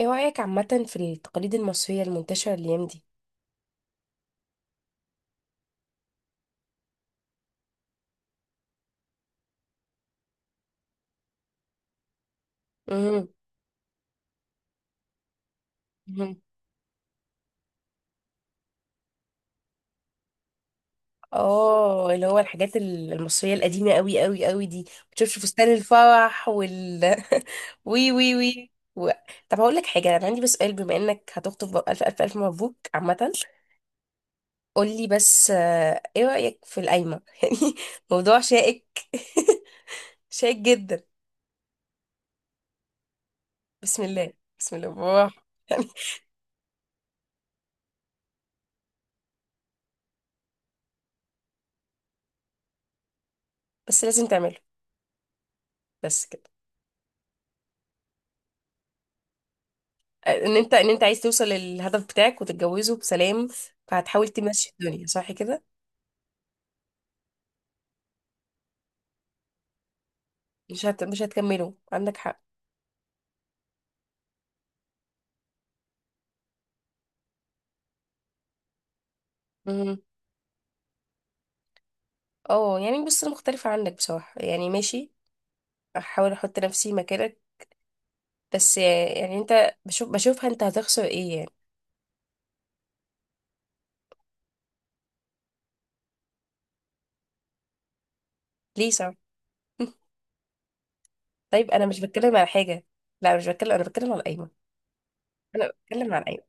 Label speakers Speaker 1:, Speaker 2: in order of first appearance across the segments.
Speaker 1: ايه رأيك عامة في التقاليد المصرية المنتشرة الأيام دي؟ امم اه، اللي هو الحاجات المصرية القديمة قوي قوي قوي دي. بتشوفش فستان الفرح وال وي وي وي و... طب هقول لك حاجة، أنا عندي بس سؤال، بما إنك هتخطب بقى، ألف ألف ألف مبروك عامة. قول لي بس، ايه رأيك في القايمة؟ يعني موضوع شائك. شائك جدا. بسم الله، بسم الله بالراحة. يعني بس لازم تعمله. بس كده. ان انت عايز توصل للهدف بتاعك وتتجوزه بسلام، فهتحاول تمشي الدنيا صح كده. مش هتكمله، عندك حق. مهم. اه يعني بص، انا مختلفة عنك بصراحة، يعني ماشي، احاول احط نفسي مكانك. بس يعني انت بشوفها، انت هتخسر ايه يعني؟ ليه؟ صح. طيب انا مش بتكلم على حاجة، لا مش بتكلم، انا بتكلم على القايمة، انا بتكلم على القايمة.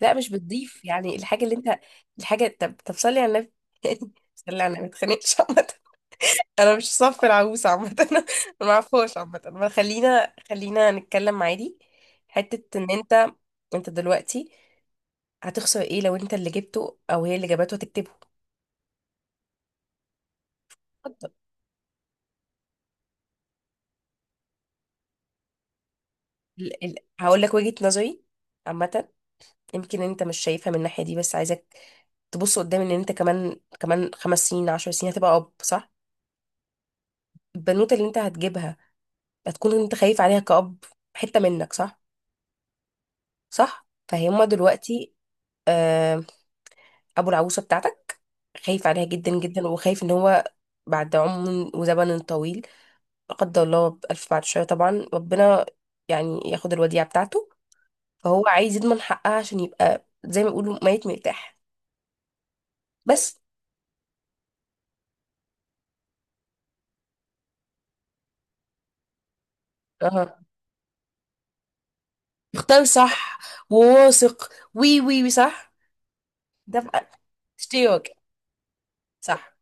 Speaker 1: لا مش بتضيف يعني، الحاجة اللي انت، الحاجة، طب صلي على النبي. صلي على النبي، ما تخانقش. انا مش صف العروسه عامه، انا ما اعرفهاش عامه، ما خلينا نتكلم عادي. حته ان انت، انت دلوقتي هتخسر ايه لو انت اللي جبته او هي اللي جابته هتكتبه؟ اتفضل. ال... ال... هقول لك وجهه نظري عامه. يمكن انت مش شايفها من الناحيه دي، بس عايزك تبص قدام، ان انت كمان، كمان خمس سنين، عشر سنين هتبقى اب، صح؟ البنوته اللي انت هتجيبها هتكون انت خايف عليها كأب، حته منك، صح؟ صح، فهما دلوقتي، آه، ابو العروسه بتاعتك خايف عليها جدا جدا، وخايف ان هو بعد عمر وزمن طويل، لا قدر الله، بألف، بعد شويه طبعا ربنا يعني ياخد الوديعه بتاعته، فهو عايز يضمن حقها عشان يبقى زي ما يقولوا ميت مرتاح. بس. اها، اختار، صح، وواثق. وي وي وي صح، ده بقى اشتراك، صح.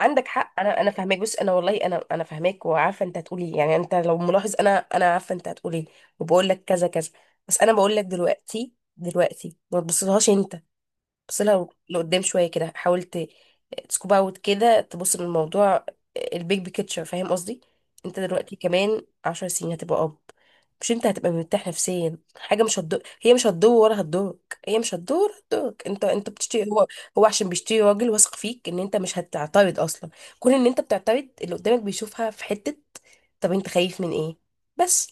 Speaker 1: عندك حق، انا فاهماك، بص انا والله انا فاهماك وعارفه انت هتقولي إيه. يعني انت لو ملاحظ انا عارفه انت هتقولي إيه، وبقول لك كذا كذا. بس انا بقول لك دلوقتي، دلوقتي ما تبصلهاش انت، بس لو لقدام شوية كده حاولت تسكوب اوت كده، تبص للموضوع، البيج بيكتشر، فاهم قصدي؟ انت دلوقتي كمان عشر سنين هتبقى اب، مش انت هتبقى مرتاح نفسيا؟ حاجة مش هتضر، هي مش هتضر ولا هتضرك، هي مش هتضر ولا هتضرك. انت، انت بتشتري، هو هو عشان بيشتري راجل واثق فيك ان انت مش هتعترض اصلا. كون ان انت بتعترض، اللي قدامك بيشوفها في حتة. طب انت خايف من ايه بس؟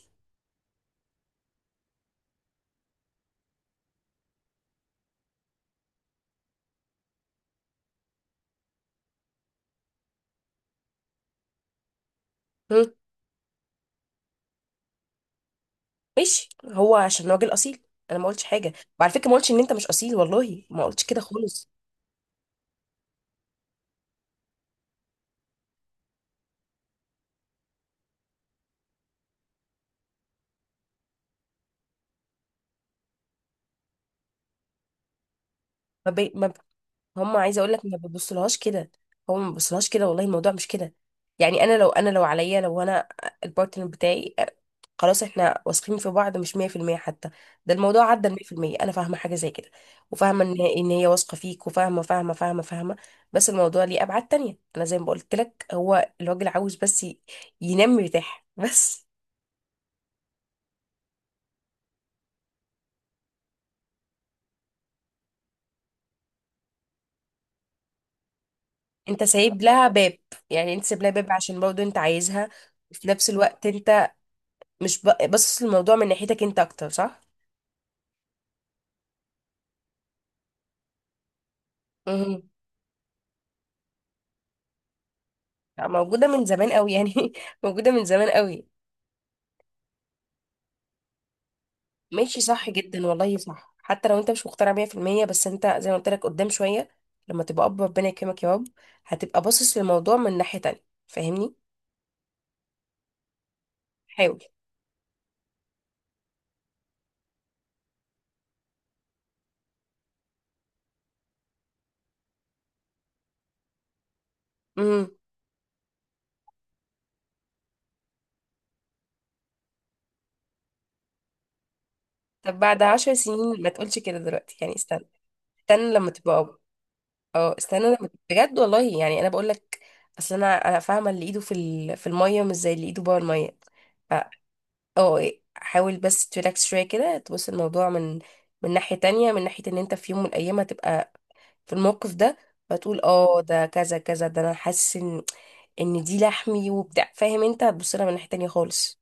Speaker 1: ماشي، هو عشان راجل اصيل. انا ما قلتش حاجه، وعلى فكره ما قلتش ان انت مش اصيل، والله ما قلتش كده خالص. ما بي... ما... ب- هم، عايزه اقول لك ما ببصلهاش كده، هو ما ببصلهاش كده، والله الموضوع مش كده. يعني انا لو، انا لو عليا، لو انا البارتنر بتاعي، خلاص احنا واثقين في بعض مش 100% حتى، ده الموضوع عدى ال 100%. انا فاهمه حاجه زي كده، وفاهمه ان ان هي واثقه فيك، وفاهمه، فاهمه. بس الموضوع ليه ابعاد تانية، انا زي ما قلت لك، هو الراجل عاوز بس ينام مرتاح. بس. انت سايب لها باب، يعني انت سايب لها باب عشان برضه انت عايزها، وفي نفس الوقت انت مش ب- باصص الموضوع من ناحيتك انت اكتر، صح؟ امم. موجودة من زمان قوي يعني، موجودة من زمان قوي. ماشي صح جدا، والله صح. حتى لو انت مش مقتنع 100%، بس انت زي ما قلت لك قدام شوية، لما تبقى اب ربنا يكرمك يا رب، هتبقى باصص للموضوع من ناحية تانية، فاهمني؟ حاول. امم. طب بعد عشر سنين ما تقولش كده دلوقتي يعني، استنى، استنى لما تبقى اب. اه استنى. انا بجد والله يعني انا بقول لك، اصل انا فاهمه اللي ايده في الميه مش زي اللي ايده جوه الميه. ف، اه حاول بس تريلاكس شويه كده، تبص الموضوع من، من ناحيه تانية، من ناحيه ان انت في يوم من الايام هتبقى في الموقف ده، فتقول اه ده كذا كذا، ده انا حاسس ان ان دي لحمي وبتاع، فاهم؟ انت هتبص لها من ناحيه تانية خالص.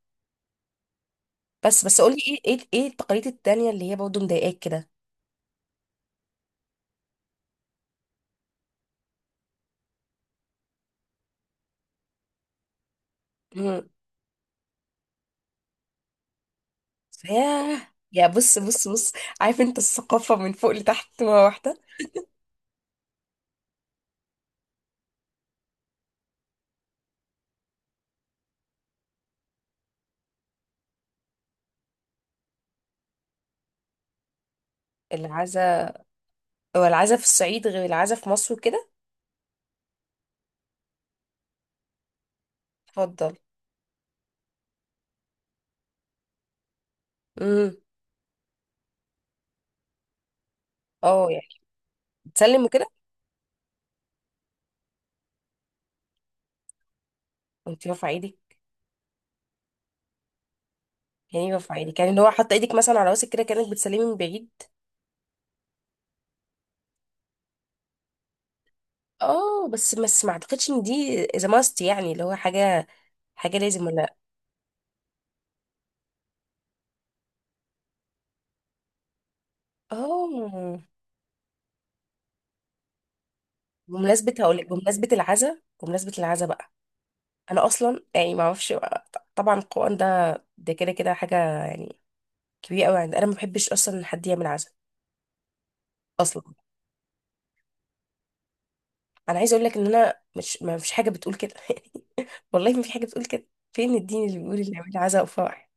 Speaker 1: بس بس قولي، ايه ايه ايه التقاليد التانية اللي هي برضه مضايقاك كده؟ امم. ياه، يا بص بص بص، عارف انت الثقافه من فوق لتحت مره واحده. العزا، هو العزا في الصعيد غير العزا في مصر كده؟ اتفضل. امم. اه يعني بتسلم كده وانت رافعه ايدك؟ يعني ايه رافعه ايدك، يعني اللي هو حاطه ايدك مثلا على راسك كده كانك بتسلمي من بعيد؟ اه بس بس ما اعتقدش ان دي اذا ماست، يعني اللي هو حاجه حاجه لازم ولا لأ. اه، بمناسبه هقول لك، بمناسبه العزا، بمناسبه العزا بقى، انا اصلا يعني ما اعرفش بقى. طبعا القران ده، ده كده كده حاجه يعني كبيره قوي عندي، انا ما بحبش اصلا ان حد يعمل عزا اصلا. انا عايزه اقول لك ان انا مش، ما مفيش حاجه بتقول كده، والله ما في حاجه بتقول كده. فين الدين اللي بيقول اللي يعمل عزاء وفرح؟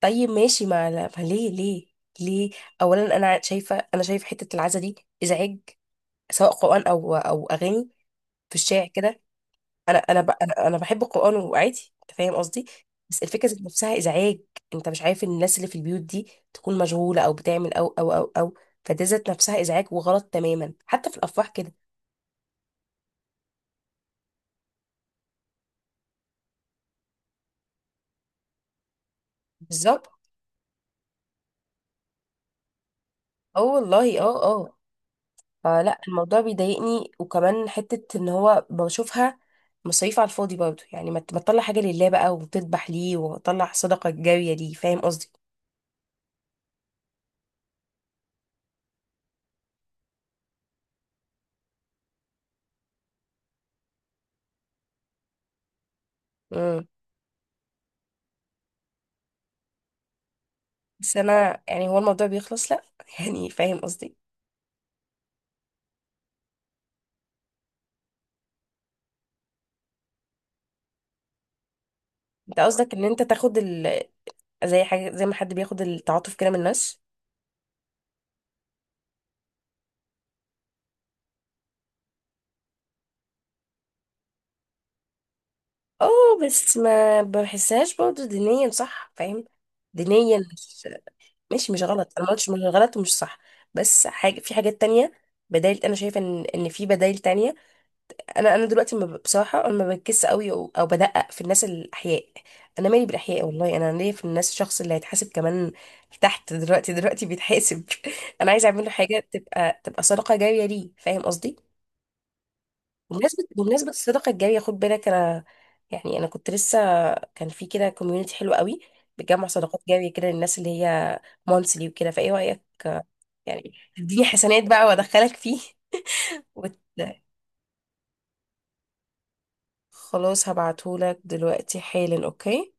Speaker 1: طيب ماشي، ما ليه، ليه، ليه؟ اولا انا شايفه، انا شايفه حته العزاء دي ازعاج، سواء قران او او اغاني في الشارع كده. انا انا ب- انا أنا بحب القران وعادي، انت فاهم قصدي، بس الفكره ذات نفسها ازعاج. انت مش عارف ان الناس اللي في البيوت دي تكون مشغوله او بتعمل او او او او، فده ذات نفسها ازعاج وغلط تماما، حتى في الافراح كده. بالظبط. اه والله، اه اه. فلا، الموضوع بيضايقني، وكمان حتة ان هو بشوفها مصاريف على الفاضي برضه، يعني ما تطلع حاجة لله بقى، وتذبح ليه، وتطلع صدقة جارية ليه، فاهم قصدي؟ امم. بس انا يعني، هو الموضوع بيخلص لا، يعني فاهم قصدي؟ انت قصدك ان انت تاخد زي حاجة، زي ما حد بياخد التعاطف كده من الناس؟ اه، بس ما بحسهاش برضه دينيا، صح فاهم؟ دينيا مش، ماشي مش غلط، انا ما قلتش مش غلط ومش صح. بس حاجة، في حاجات تانية، بدايل، انا شايفة ان ان في بدايل تانية. انا انا دلوقتي ما ب- بصراحه، انا ما بركزش قوي او، أو بدقق في الناس الاحياء. انا مالي بالاحياء والله، انا ليا في الناس الشخص اللي هيتحاسب، كمان تحت دلوقتي، دلوقتي بيتحاسب. انا عايزه اعمل له حاجه تبقى، تبقى صدقه جاريه ليه، فاهم قصدي؟ بمناسبه، بمناسبه الصدقه الجاريه خد بالك. انا يعني انا كنت لسه، كان في كده كوميونتي حلو قوي بتجمع صدقات جاريه كده للناس، اللي هي مونثلي وكده، فايه رايك؟ يعني تديني حسنات بقى وادخلك فيه. وت... خلاص هبعتهولك دلوقتي حالا، اوكي.